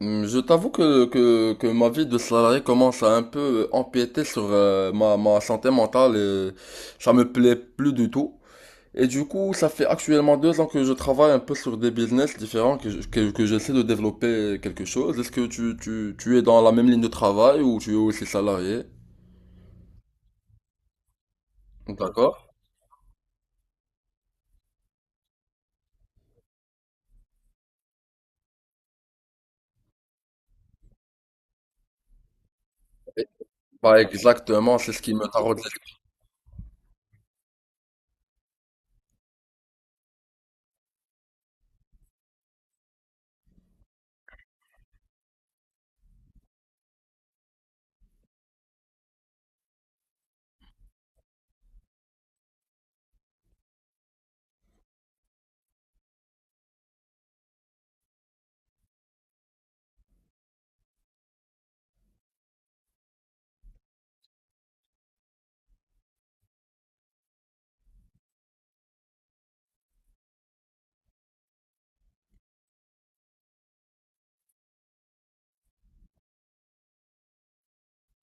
Je t'avoue que ma vie de salarié commence à un peu empiéter sur ma santé mentale et ça me plaît plus du tout. Et du coup, ça fait actuellement 2 ans que je travaille un peu sur des business différents, que j'essaie de développer quelque chose. Est-ce que tu es dans la même ligne de travail ou tu es aussi salarié? D'accord. Et- Bah exactement, c'est ce qui me taraude.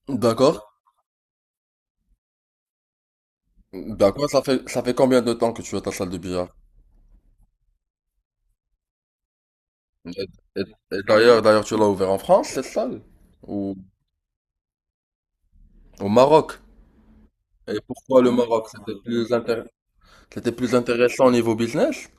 D'accord. D'accord, ça fait combien de temps que tu as ta salle de billard? Et, et- et d'ailleurs, tu l'as ouvert en France, cette salle? Ou au Maroc. Et pourquoi le Maroc? C'était plus intéressant au niveau business.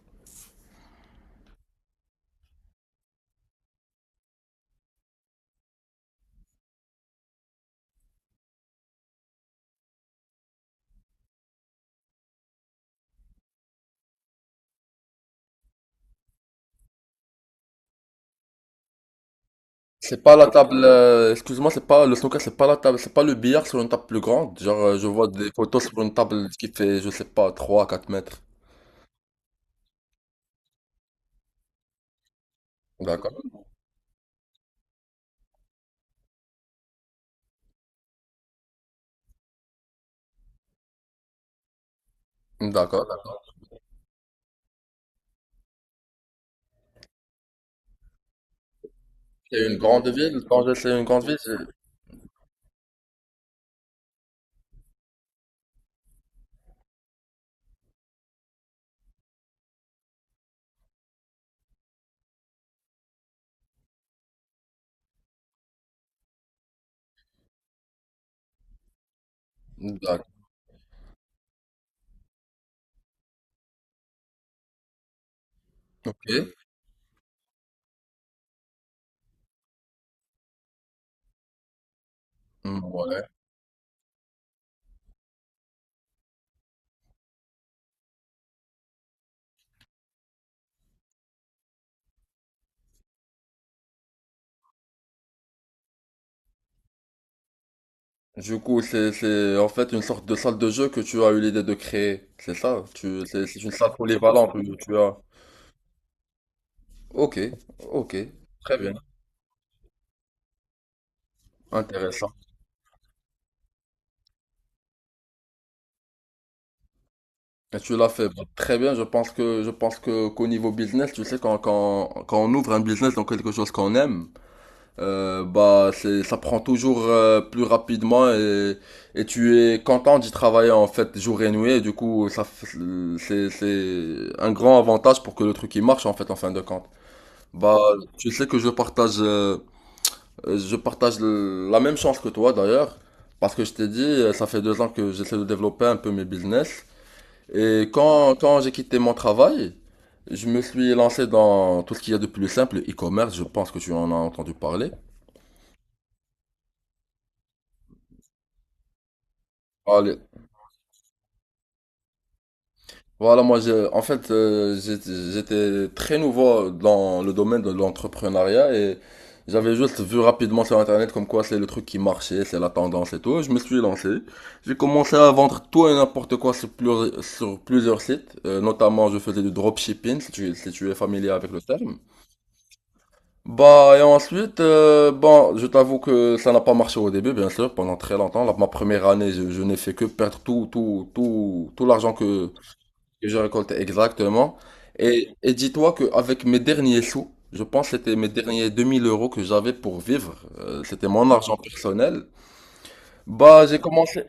C'est pas la table, excuse-moi, c'est pas le snooker, c'est pas la table, c'est pas le billard sur une table plus grande. Genre, je vois des photos sur une table qui fait, je sais pas, 3, à 4 mètres. D'accord, d'accord, d'accord. C'est une grande ville, Tanger, c'est une grande ville. D'accord, ok. Hmm, ouais. Du coup, c'est en fait une sorte de salle de jeu que tu as eu l'idée de créer. C'est ça, c'est une salle polyvalente que tu as. Ok, ok, très bien, intéressant. Et tu l'as fait bah, très bien. Je pense que qu'au niveau business, tu sais, quand on ouvre un business dans quelque chose qu'on aime, bah c'est ça prend toujours plus rapidement et tu es content d'y travailler en fait jour et nuit. Et du coup, c'est un grand avantage pour que le truc il marche en fait en fin de compte. Bah tu sais que je partage la même chance que toi d'ailleurs parce que je t'ai dit ça fait deux ans que j'essaie de développer un peu mes business. Et quand j'ai quitté mon travail, je me suis lancé dans tout ce qu'il y a de plus simple, le e-commerce, je pense que tu en as entendu parler. Allez. Voilà, moi, en fait, j'étais très nouveau dans le domaine de l'entrepreneuriat et j'avais juste vu rapidement sur Internet comme quoi c'est le truc qui marchait, c'est la tendance et tout. Je me suis lancé. J'ai commencé à vendre tout et n'importe quoi sur plusieurs sites. Notamment, je faisais du dropshipping, si tu es familier avec le terme. Bah, et ensuite, bon, je t'avoue que ça n'a pas marché au début, bien sûr, pendant très longtemps. Ma première année, je n'ai fait que perdre tout, tout, tout, tout l'argent que j'ai récolté exactement. Et dis-toi qu'avec mes derniers sous, je pense que c'était mes derniers 2 000 euros que j'avais pour vivre, c'était mon argent personnel. Bah, j'ai commencé.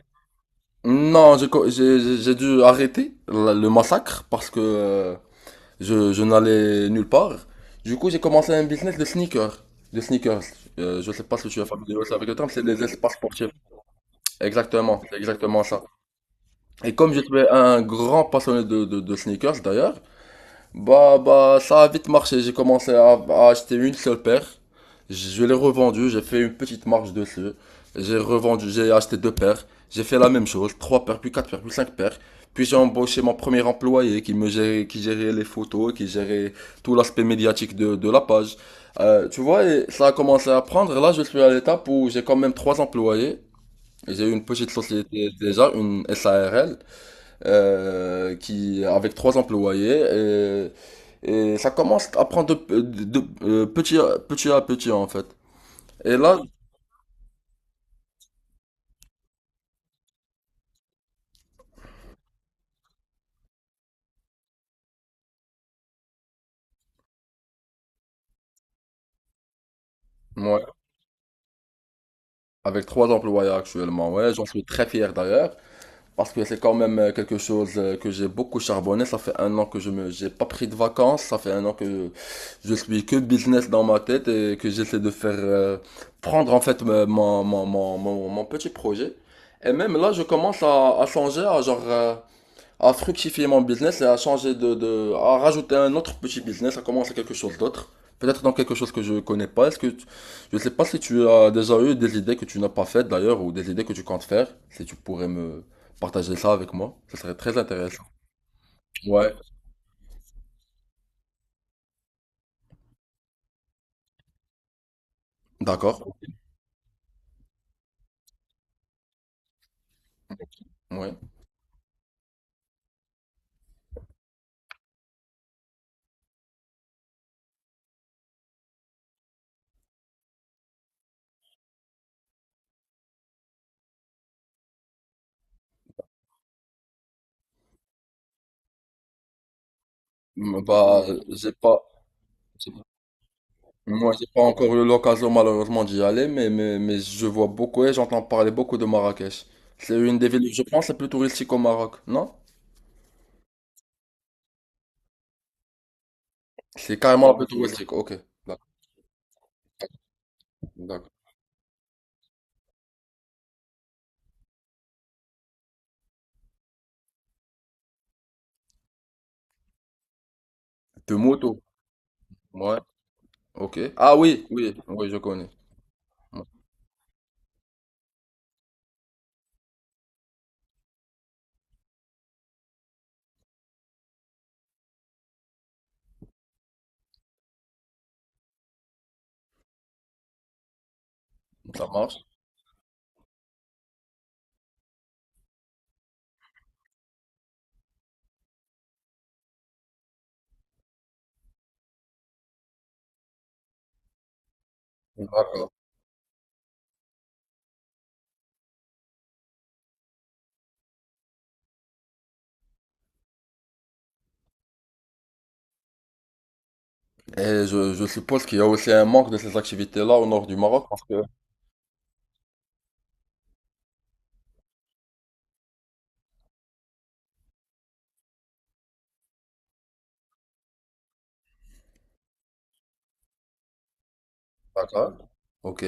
Non, j'ai, co- j'ai dû arrêter le massacre parce que, je n'allais nulle part. Du coup, j'ai commencé un business de sneakers. De sneakers. Je sais pas si je suis familier aussi avec le terme, c'est les espaces sportifs. Exactement, c'est exactement ça. Et comme je suis un grand passionné de sneakers d'ailleurs, bah, ça a vite marché. J'ai commencé à acheter une seule paire. Je l'ai revendue, j'ai fait une petite marge dessus. J'ai revendu, j'ai acheté deux paires. J'ai fait la même chose, trois paires, puis quatre paires, puis cinq paires. Puis j'ai embauché mon premier employé qui me gérait, qui gérait les photos, qui gérait tout l'aspect médiatique de la page. Tu vois, et ça a commencé à prendre. Là, je suis à l'étape où j'ai quand même trois employés. J'ai une petite société déjà, une SARL qui, avec trois employés. Et ça commence à prendre petit à petit, en fait. Et là, ouais, avec trois employés actuellement, ouais, j'en suis très fier d'ailleurs. Parce que c'est quand même quelque chose que j'ai beaucoup charbonné. Ça fait un an que j'ai pas pris de vacances. Ça fait un an que je suis que business dans ma tête et que j'essaie de faire prendre en fait mon petit projet. Et même là, je commence à songer à genre, à fructifier mon business et à changer à rajouter un autre petit business, à commencer quelque chose d'autre. Peut-être dans quelque chose que je connais pas. Est-ce que je sais pas si tu as déjà eu des idées que tu n'as pas faites d'ailleurs ou des idées que tu comptes faire. Si tu pourrais me partager ça avec moi, ce serait très intéressant. Ouais, d'accord. Ouais. Mm, bah, j'ai pas, j'ai- moi, j'ai pas encore eu l'occasion malheureusement d'y aller, mais je vois beaucoup et j'entends parler beaucoup de Marrakech. C'est une des villes, je pense, les plus touristiques au Maroc, non? C'est carrément un peu tout Westwick. Ok, d'accord, d'accord. De moto. Ouais, ok. Ah oui, oui, oui, je connais. Ouais, ça marche. D'accord. Et je suppose qu'il y a aussi un manque de ces activités-là au nord du Maroc. D'accord. Ok.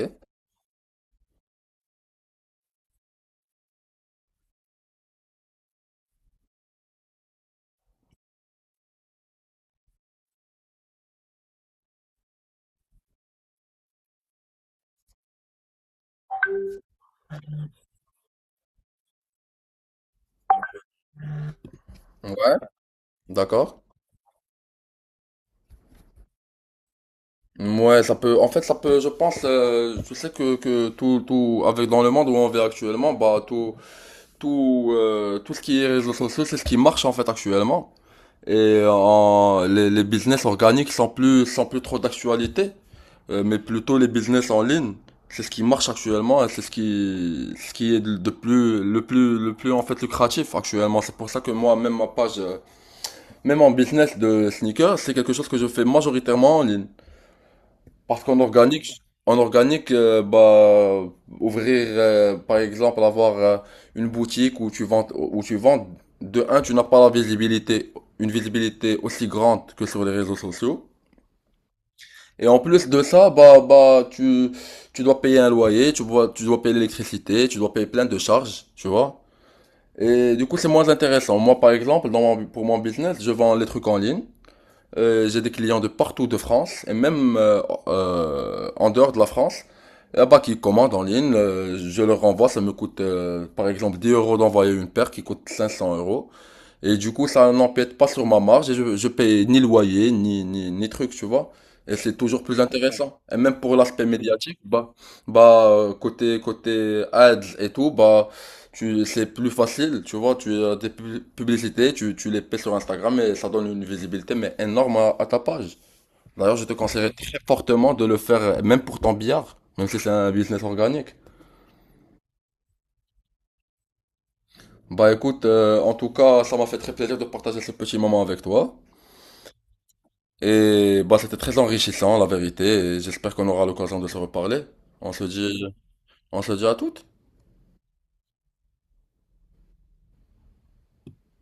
Ouais, d'accord. Ouais, ça peut, en fait, ça peut, je pense, je sais que tout, avec dans le monde où on vit actuellement, bah, tout ce qui est réseaux sociaux, c'est ce qui marche, en fait, actuellement. Et les business organiques sont plus trop d'actualité, mais plutôt les business en ligne. C'est ce qui marche actuellement et c'est ce qui est de plus, le plus, le plus en fait lucratif actuellement. C'est pour ça que moi, même ma page, même en business de sneakers, c'est quelque chose que je fais majoritairement en ligne. Parce qu'en organique, bah, par exemple, avoir une boutique où tu vends, de un, tu n'as pas la visibilité, une visibilité aussi grande que sur les réseaux sociaux. Et en plus de ça, bah, tu dois payer un loyer, tu dois payer l'électricité, tu dois payer plein de charges, tu vois. Et du coup, c'est moins intéressant. Moi, par exemple, dans pour mon business, je vends les trucs en ligne. J'ai des clients de partout de France et même en dehors de la France. Là-bas, qui commandent en ligne, je leur renvoie. Ça me coûte, par exemple, 10 euros d'envoyer une paire qui coûte 500 euros. Et du coup, ça n'empiète pas sur ma marge et je paye ni loyer, ni truc, tu vois. Et c'est toujours plus intéressant. Et même pour l'aspect médiatique, bah, côté ads et tout, bah, c'est plus facile, tu vois. Tu as des publicités, tu les payes sur Instagram et ça donne une visibilité, mais énorme à ta page. D'ailleurs, je te conseillerais très fortement de le faire, même pour ton billard, même si c'est un business organique. Bah, écoute, en tout cas, ça m'a fait très plaisir de partager ce petit moment avec toi. Et bah, c'était très enrichissant, la vérité. Et j'espère qu'on aura l'occasion de se reparler. On se dit, on se dit à toutes.